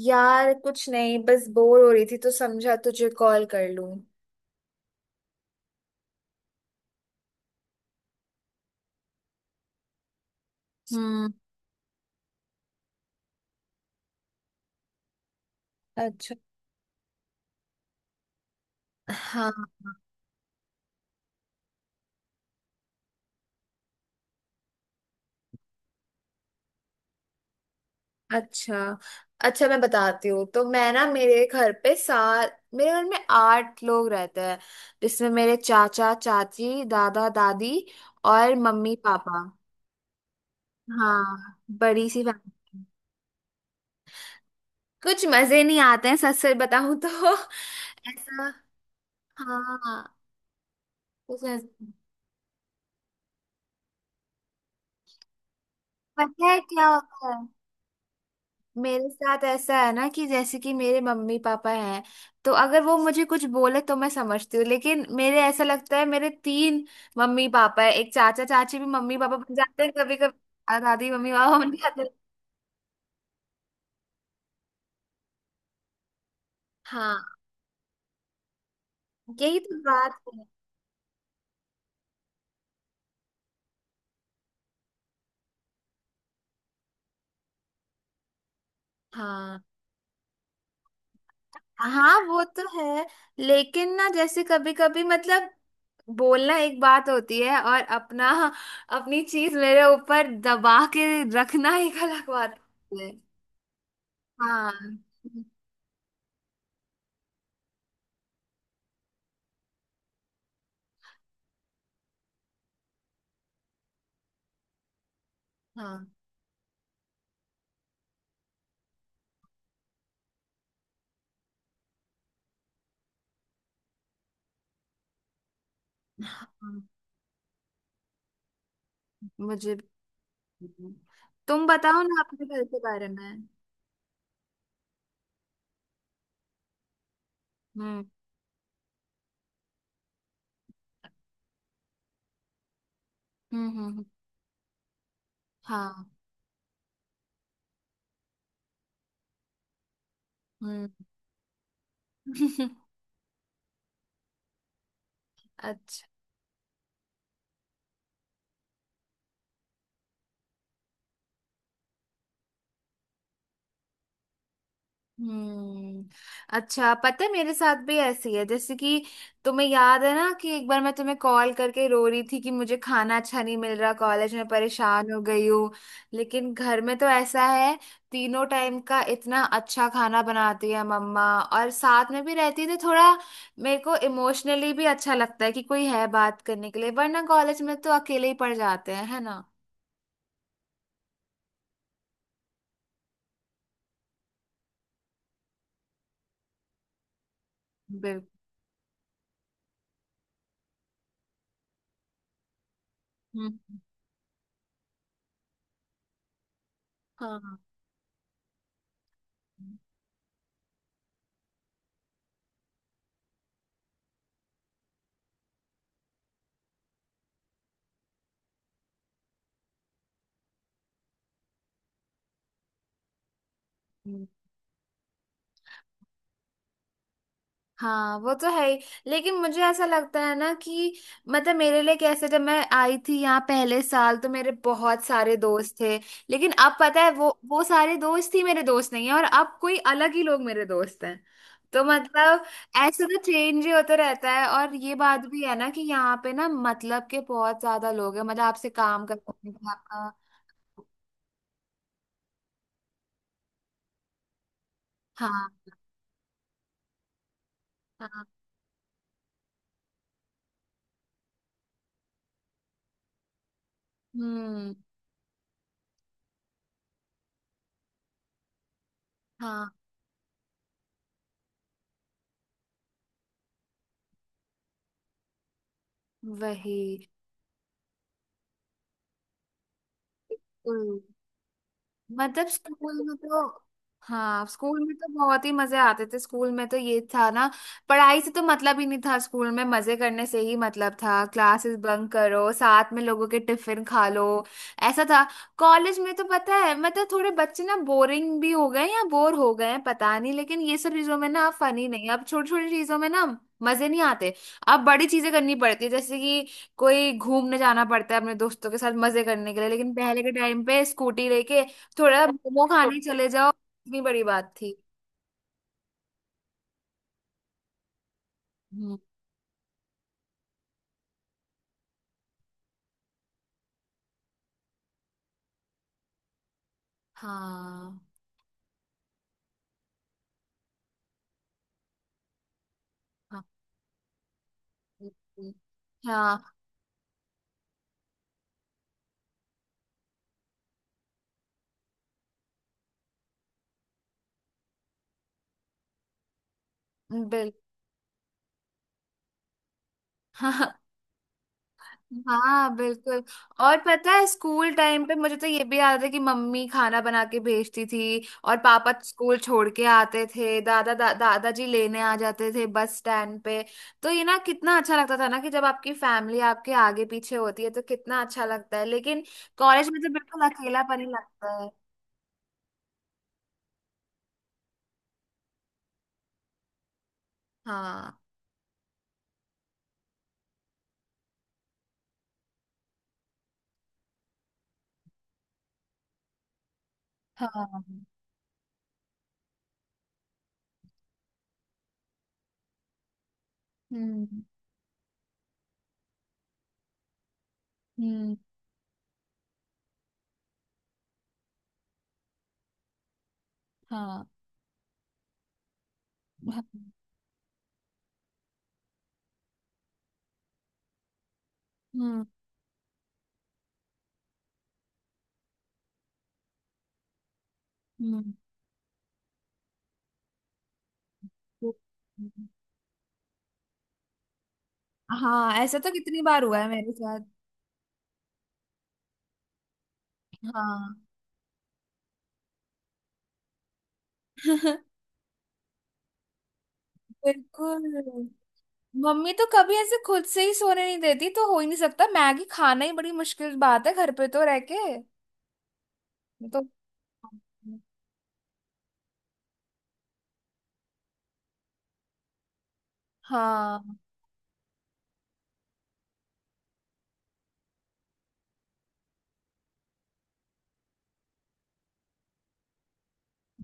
यार, कुछ नहीं। बस बोर हो रही थी तो समझा तुझे कॉल कर लूं। हम्म। अच्छा। हाँ। अच्छा। अच्छा, मैं बताती हूँ। तो मैं ना, मेरे घर में आठ लोग रहते हैं। जिसमें मेरे चाचा, चाची, दादा, दादी और मम्मी पापा। हाँ, बड़ी सी फैमिली। कुछ मजे नहीं आते हैं, सच सच बताऊं तो। ऐसा। हाँ। कुछ ऐसा- पता है क्या होता है? मेरे साथ ऐसा है ना कि जैसे कि मेरे मम्मी पापा हैं। तो अगर वो मुझे कुछ बोले तो मैं समझती हूँ, लेकिन मेरे ऐसा लगता है मेरे तीन मम्मी पापा है। एक चाचा चाची भी मम्मी पापा बन जाते हैं कभी कभी। दादी मम्मी पापा बन जाते हैं। हाँ, यही तो बात है। हाँ। हाँ, वो तो है। लेकिन ना, जैसे कभी कभी मतलब बोलना एक बात होती है, और अपना अपनी चीज मेरे ऊपर दबा के रखना एक अलग बात होती है। हाँ। हाँ। हाँ, मुझे भी। नहीं। तुम बताओ ना, अपने घर के बारे में। हम्म, हम्म, हम्म, हाँ। हम्म। अच्छा। हम्म। अच्छा, पता है मेरे साथ भी ऐसी है। जैसे कि तुम्हें याद है ना कि एक बार मैं तुम्हें कॉल करके रो रही थी कि मुझे खाना अच्छा नहीं मिल रहा, कॉलेज में परेशान हो गई हूँ। लेकिन घर में तो ऐसा है। तीनों टाइम का इतना अच्छा खाना बनाती है मम्मा, और साथ में भी रहती है तो थोड़ा मेरे को इमोशनली भी अच्छा लगता है कि कोई है बात करने के लिए। वरना कॉलेज में तो अकेले ही पड़ जाते हैं, है ना। बिल्कुल। हम्म। हाँ। हाँ, वो तो है ही। लेकिन मुझे ऐसा लगता है ना कि, मतलब मेरे लिए कैसे, जब मैं आई थी यहाँ पहले साल तो मेरे बहुत सारे दोस्त थे। लेकिन अब पता है वो सारे दोस्त ही मेरे दोस्त नहीं है, और अब कोई अलग ही लोग मेरे दोस्त हैं। तो मतलब ऐसे तो चेंज ही होता रहता है। और ये बात भी है ना कि यहाँ पे ना, मतलब के बहुत ज्यादा लोग हैं, मतलब आपसे काम करते हैं आपका। हाँ, हाँ। हम्म। हाँ, वही। बिल्कुल। मतलब स्कूल में तो। हाँ, स्कूल में तो बहुत ही मजे आते थे। स्कूल में तो ये था ना, पढ़ाई से तो मतलब ही नहीं था, स्कूल में मजे करने से ही मतलब था। क्लासेस बंक करो, साथ में लोगों के टिफिन खा लो। ऐसा था। कॉलेज में तो पता है, मतलब थोड़े बच्चे ना बोरिंग भी हो गए या बोर हो गए हैं, पता नहीं। लेकिन ये सब चीजों में ना फनी नहीं, अब छोटी छोटी चीजों में ना मजे नहीं आते। अब बड़ी चीजें करनी पड़ती है, जैसे कि कोई घूमने जाना पड़ता है अपने दोस्तों के साथ मजे करने के लिए। लेकिन पहले के टाइम पे स्कूटी लेके थोड़ा मोमो खाने चले जाओ, इतनी बड़ी बात थी। हम्म, हाँ, हाँ, बिल्कुल। हाँ, बिल हाँ, हाँ, बिल्कुल। और पता है, स्कूल टाइम पे मुझे तो ये भी याद है कि मम्मी खाना बना के भेजती थी। और पापा स्कूल छोड़ के आते थे, दादाजी लेने आ जाते थे बस स्टैंड पे। तो ये ना कितना अच्छा लगता था ना कि जब आपकी फैमिली आपके आगे पीछे होती है तो कितना अच्छा लगता है। लेकिन कॉलेज में तो बिल्कुल अकेलापन ही लगता है। हाँ, हाँ, हम्म, हम्म, हाँ, हाँ, हम्म, हम्म। वो- हाँ, ऐसा तो कितनी बार हुआ है मेरे साथ। हाँ बिल्कुल। मम्मी तो कभी ऐसे खुद से ही सोने नहीं देती, तो हो ही नहीं सकता। मैगी खाना ही बड़ी मुश्किल बात है घर पे तो रह के। मैं तो। हाँ,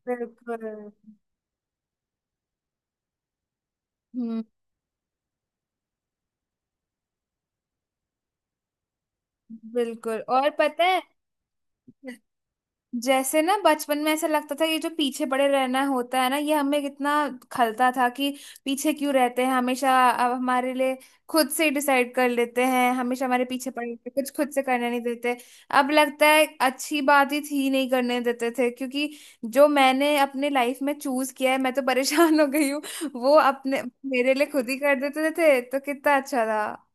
बिल्कुल। हम्म। बिल्कुल। और पता है, जैसे ना बचपन में ऐसा लगता था ये जो पीछे पड़े रहना होता है ना, ये हमें कितना खलता था। कि पीछे क्यों रहते हैं हमेशा, अब हमारे लिए खुद से डिसाइड कर लेते हैं, हमेशा हमारे पीछे पड़े रहते हैं, कुछ खुद से करने नहीं देते। अब लगता है अच्छी बात ही थी नहीं करने देते थे, क्योंकि जो मैंने अपने लाइफ में चूज किया है मैं तो परेशान हो गई हूँ। वो अपने मेरे लिए खुद ही कर देते थे तो कितना अच्छा था।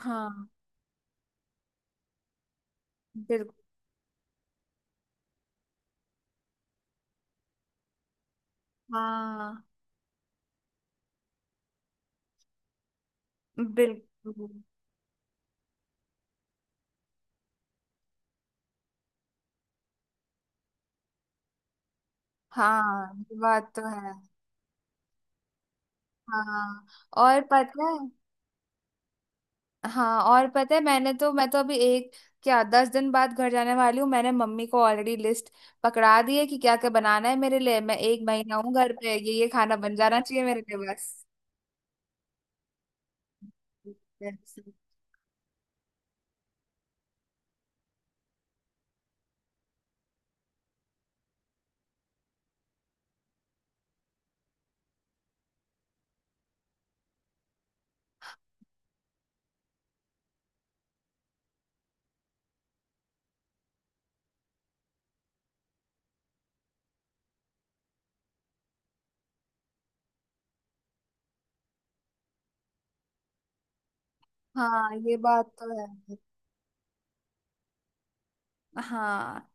हाँ, बिल्कुल। हाँ, बिल्कुल। हाँ, ये बात तो है। हाँ, और पता है। हाँ, और पता है, मैं तो अभी एक क्या 10 दिन बाद घर जाने वाली हूँ। मैंने मम्मी को ऑलरेडी लिस्ट पकड़ा दी है कि क्या क्या बनाना है मेरे लिए। मैं एक महीना हूँ घर पे, ये खाना बन जाना चाहिए मेरे लिए बस। हाँ, ये बात तो है। हाँ।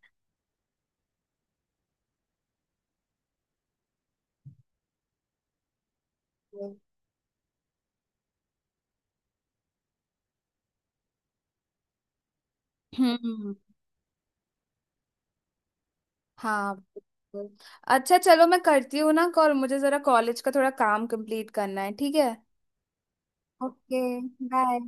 हम्म। हाँ, बिल्कुल। अच्छा, चलो मैं करती हूँ ना कॉल। मुझे जरा कॉलेज का थोड़ा काम कंप्लीट करना है, ठीक है। Okay, bye.